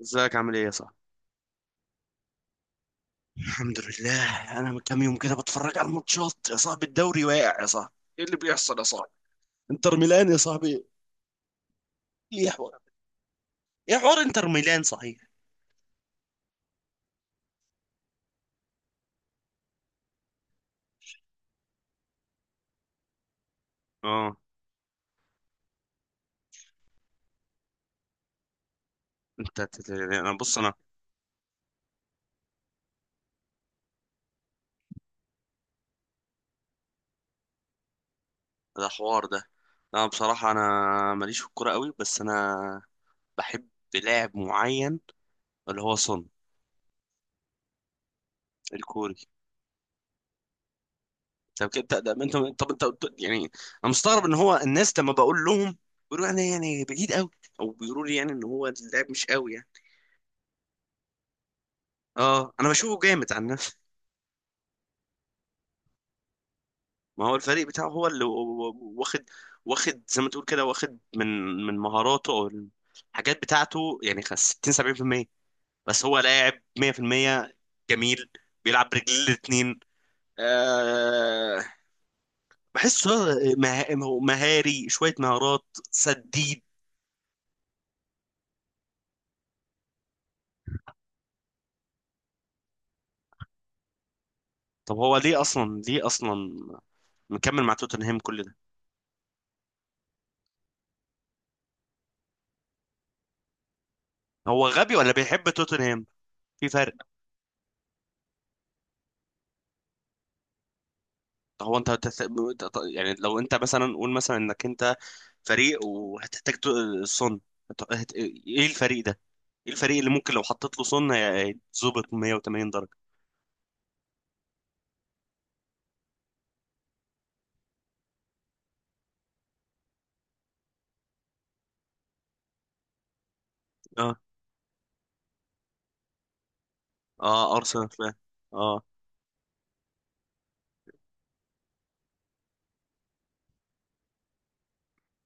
ازيك عامل ايه يا صاحبي؟ الحمد لله، انا من كام يوم كده بتفرج على الماتشات يا صاحبي. الدوري واقع يا صاحبي، ايه اللي بيحصل يا صاحبي؟ انتر ميلان يا صاحبي. ايه حوار ايه حوار انتر ميلان صحيح؟ اه. انا، بص، انا ده حوار ده. انا، بصراحة، انا ماليش في الكورة قوي، بس انا بحب لاعب معين، اللي هو سون الكوري. طب انت، يعني انا مستغرب ان هو الناس لما بقول لهم بيقولوا انا يعني بعيد قوي، او بيقولوا لي يعني ان هو اللاعب مش قوي يعني. اه، انا بشوفه جامد عن نفسي. ما هو الفريق بتاعه هو اللي واخد واخد، زي ما تقول كده، واخد من مهاراته او الحاجات بتاعته يعني، 60 70%، بس هو لاعب 100%، جميل. بيلعب برجلين الاثنين. أه، بحسه هو مهاري، شوية مهارات سديد. طب هو ليه اصلا مكمل مع توتنهام كل ده؟ هو غبي ولا بيحب توتنهام؟ في فرق. هو انت تت- ت- يعني لو انت مثلا، قول مثلا، انك انت فريق وهتحتاج صن، ايه الفريق ده؟ ايه الفريق اللي ممكن لو حطيت له صن هيتظبط 180 درجة؟ اه. اه، ارسنال فعلا. اه،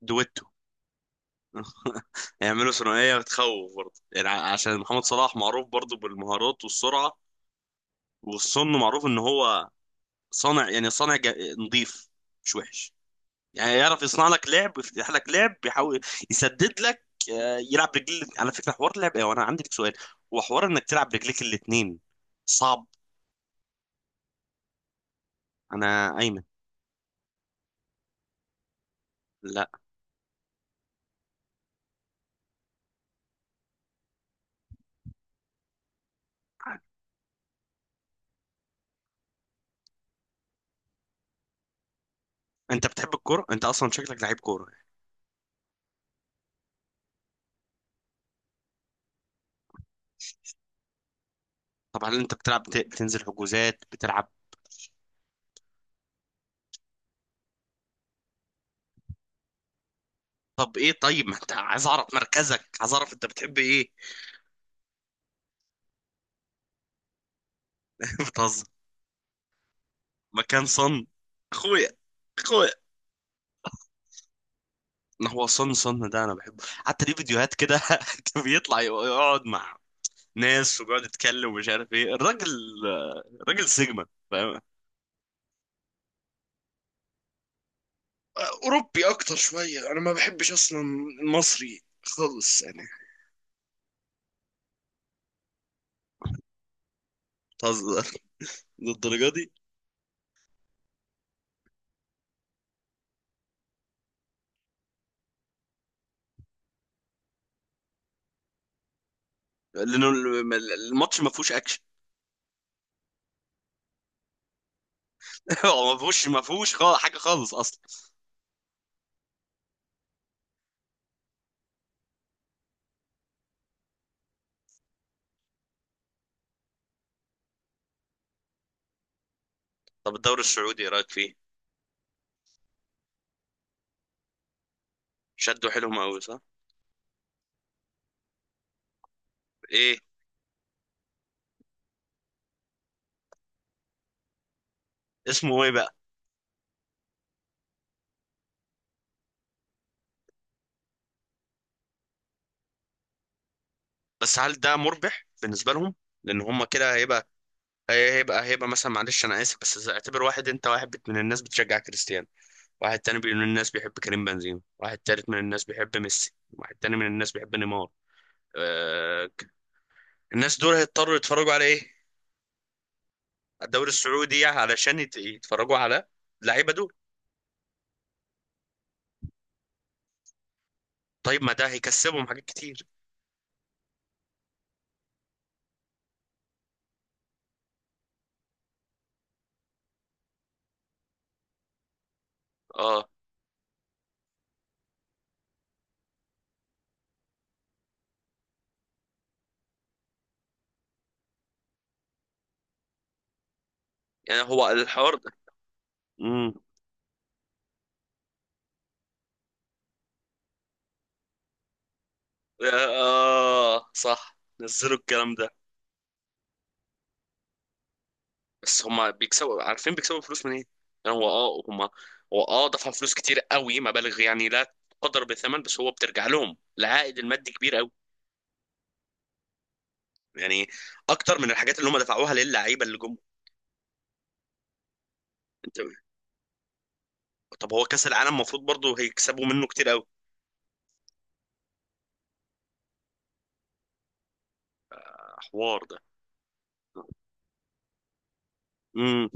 دويتو. يعملوا ثنائية بتخوف برضه، يعني عشان محمد صلاح معروف برضه بالمهارات والسرعة، والصن معروف ان هو صانع، يعني صانع نظيف، مش وحش، يعني يعرف يصنع لك لعب ويفتح لك لعب، بيحاول يسدد لك. يلعب رجل. على فكره، حوار لعب ايه، وانا عندي لك سؤال. هو حوار انك تلعب رجليك الاثنين صعب. انا ايمن. لا. انت بتحب الكوره؟ انت اصلا شكلك لعيب كوره. طب هل انت بتلعب، بتنزل حجوزات، بتلعب؟ طب ايه؟ طيب، ما انت عايز اعرف مركزك، عايز اعرف انت بتحب ايه. بتهزر؟ مكان صن؟ اخويا، اخويا، ما هو صن، صن ده انا بحبه، حتى ليه فيديوهات كده. بيطلع يقعد مع ناس وبيقعد يتكلم، ومش عارف ايه. الراجل، الراجل سيجما. فاهم. اوروبي اكتر شويه، انا ما بحبش اصلا المصري خالص يعني. بتهزر للدرجه دي؟ لانه الماتش ما فيهوش اكشن. هو ما فيهوش، ما فيهوش خالص، حاجه خالص اصلا. طب الدوري السعودي ايه رايك فيه؟ شدوا حيلهم قوي، صح؟ ايه اسمه ايه بقى؟ بس هل ده مربح بالنسبه لهم؟ لان هم كده هيبقى، هيبقى مثلا، معلش انا اسف، بس اعتبر واحد، انت واحد من الناس بتشجع كريستيانو، واحد تاني من الناس بيحب كريم بنزيما، واحد تالت من الناس بيحب ميسي، واحد تاني من الناس بيحب نيمار. آه... الناس دول هيضطروا يتفرجوا على ايه؟ على الدوري السعودي، يعني علشان يتفرجوا على اللعيبه دول. طيب، ما ده هيكسبهم حاجات كتير. اه، يعني هو الحوار ده. امم. اه صح، نزلوا الكلام ده. بس هما بيكسبوا، عارفين بيكسبوا فلوس من ايه؟ يعني هو هما، هو دفع فلوس كتير قوي، مبالغ يعني لا تقدر بثمن، بس هو بترجع لهم العائد المادي كبير قوي، يعني اكتر من الحاجات اللي هم دفعوها للعيبه اللي جم. انت، طب هو كاس العالم المفروض برضه هيكسبوا منه كتير قوي، حوار ده. امم.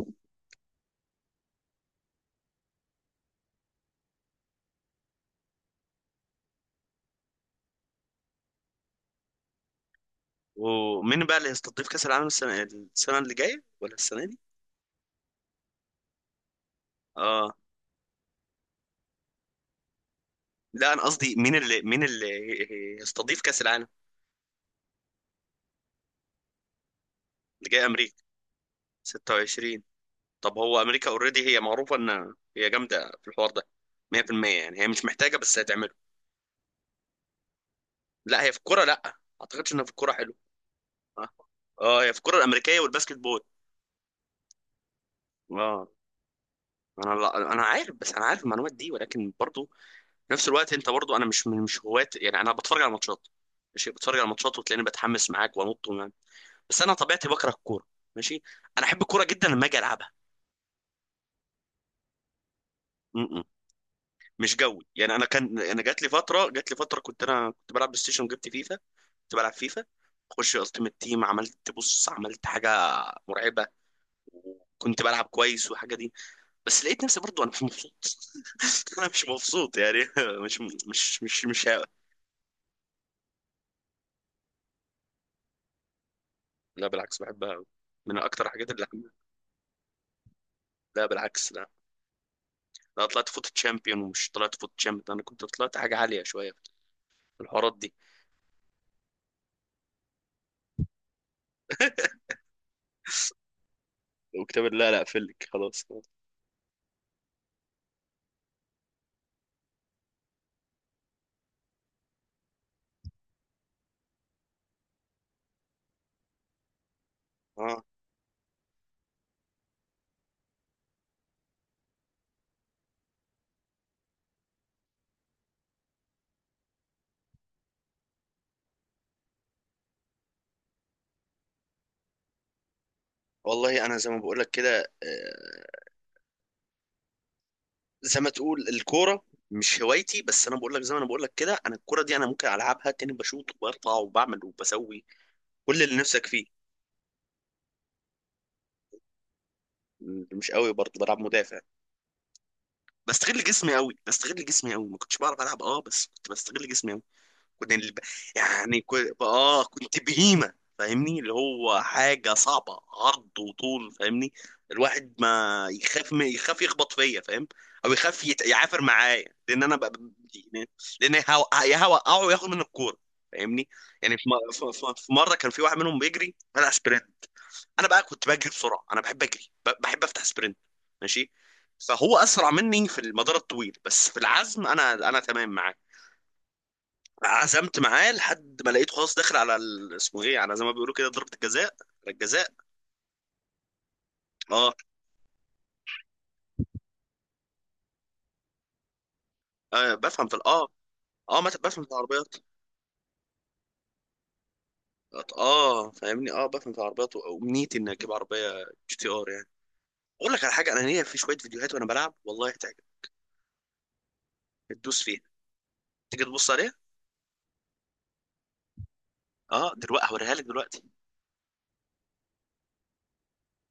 ومين بقى اللي هيستضيف كاس العالم، السنه اللي جايه ولا السنه دي؟ اه، لا، انا قصدي مين اللي هيستضيف كاس العالم اللي جاي؟ امريكا. 26؟ طب هو امريكا اوريدي هي معروفه ان هي جامده في الحوار ده 100%، يعني هي مش محتاجه، بس هتعمله. لا، هي في الكوره، لا، ما اعتقدش انها في الكوره حلو. اه، اه، هي في الكوره الامريكيه والباسكت بول. اه. انا، لا، انا عارف، بس انا عارف المعلومات دي، ولكن برضو في نفس الوقت انت برضو. انا مش هواة يعني، انا بتفرج على ماتشات، ماشي، بتفرج على ماتشات وتلاقيني بتحمس معاك وانط ومان. بس انا طبيعتي بكره الكوره، ماشي، انا احب الكوره جدا لما اجي العبها. م -م. مش جوي يعني. انا جات لي فتره كنت بلعب بلاي ستيشن، جبت فيفا. كنت بلعب فيفا، اخش التيمت تيم، عملت، بص، عملت حاجه مرعبه، وكنت بلعب كويس والحاجه دي، بس لقيت نفسي برضو انا مش مبسوط. انا مش مبسوط يعني. مش مش. لا بالعكس، بحبها أوي. من اكتر الحاجات اللي حبيتها. لا بالعكس، لا. لا، طلعت فوت تشامبيون، ومش طلعت فوت تشامبيون، انا كنت طلعت حاجه عاليه شويه في الحوارات دي. وكتاب، لا لا، فلك خلاص. اه، والله انا زي ما بقول لك كده، زي ما تقول الكوره مش هوايتي، بس انا بقول لك زي ما انا بقول لك كده، انا الكوره دي انا ممكن العبها تاني، بشوط وبرفع وبعمل وبسوي كل اللي نفسك فيه. مش قوي برضه، بلعب مدافع. بستغل جسمي قوي، بستغل جسمي قوي، ما كنتش بعرف العب، اه، بس كنت بستغل جسمي. كنت ال- يعني كنت بهيمة، فاهمني، اللي هو حاجة صعبة، عرض وطول، فاهمني. الواحد ما يخاف، ما يخاف يخبط فيا، فاهم؟ او يخاف يعافر معايا، لان انا يعني، لان هو، يا هوقعه وياخد من الكورة، فاهمني. يعني في مرة كان في واحد منهم بيجري، انا سبرنت. انا بقى كنت بجري بسرعة، انا بحب اجري، بحب افتح سبرنت، ماشي، فهو اسرع مني في المدار الطويل، بس في العزم انا تمام معاه، عزمت معاه لحد ما لقيته خلاص داخل على اسمه ايه، على زي ما بيقولوا كده، ضربة الجزاء، على الجزاء. اه، آه، بفهم في. اه، ما بفهم في العربيات. اه، فاهمني، اه، بفهم في العربيات، وامنيتي اني اجيب عربية جي تي ار يعني. اقول لك على حاجة، انا ليا في شوية فيديوهات وانا بلعب، والله هتعجب، هتدوس فيها، تيجي تبص عليها. اه، دلوقتي هوريها لك دلوقتي.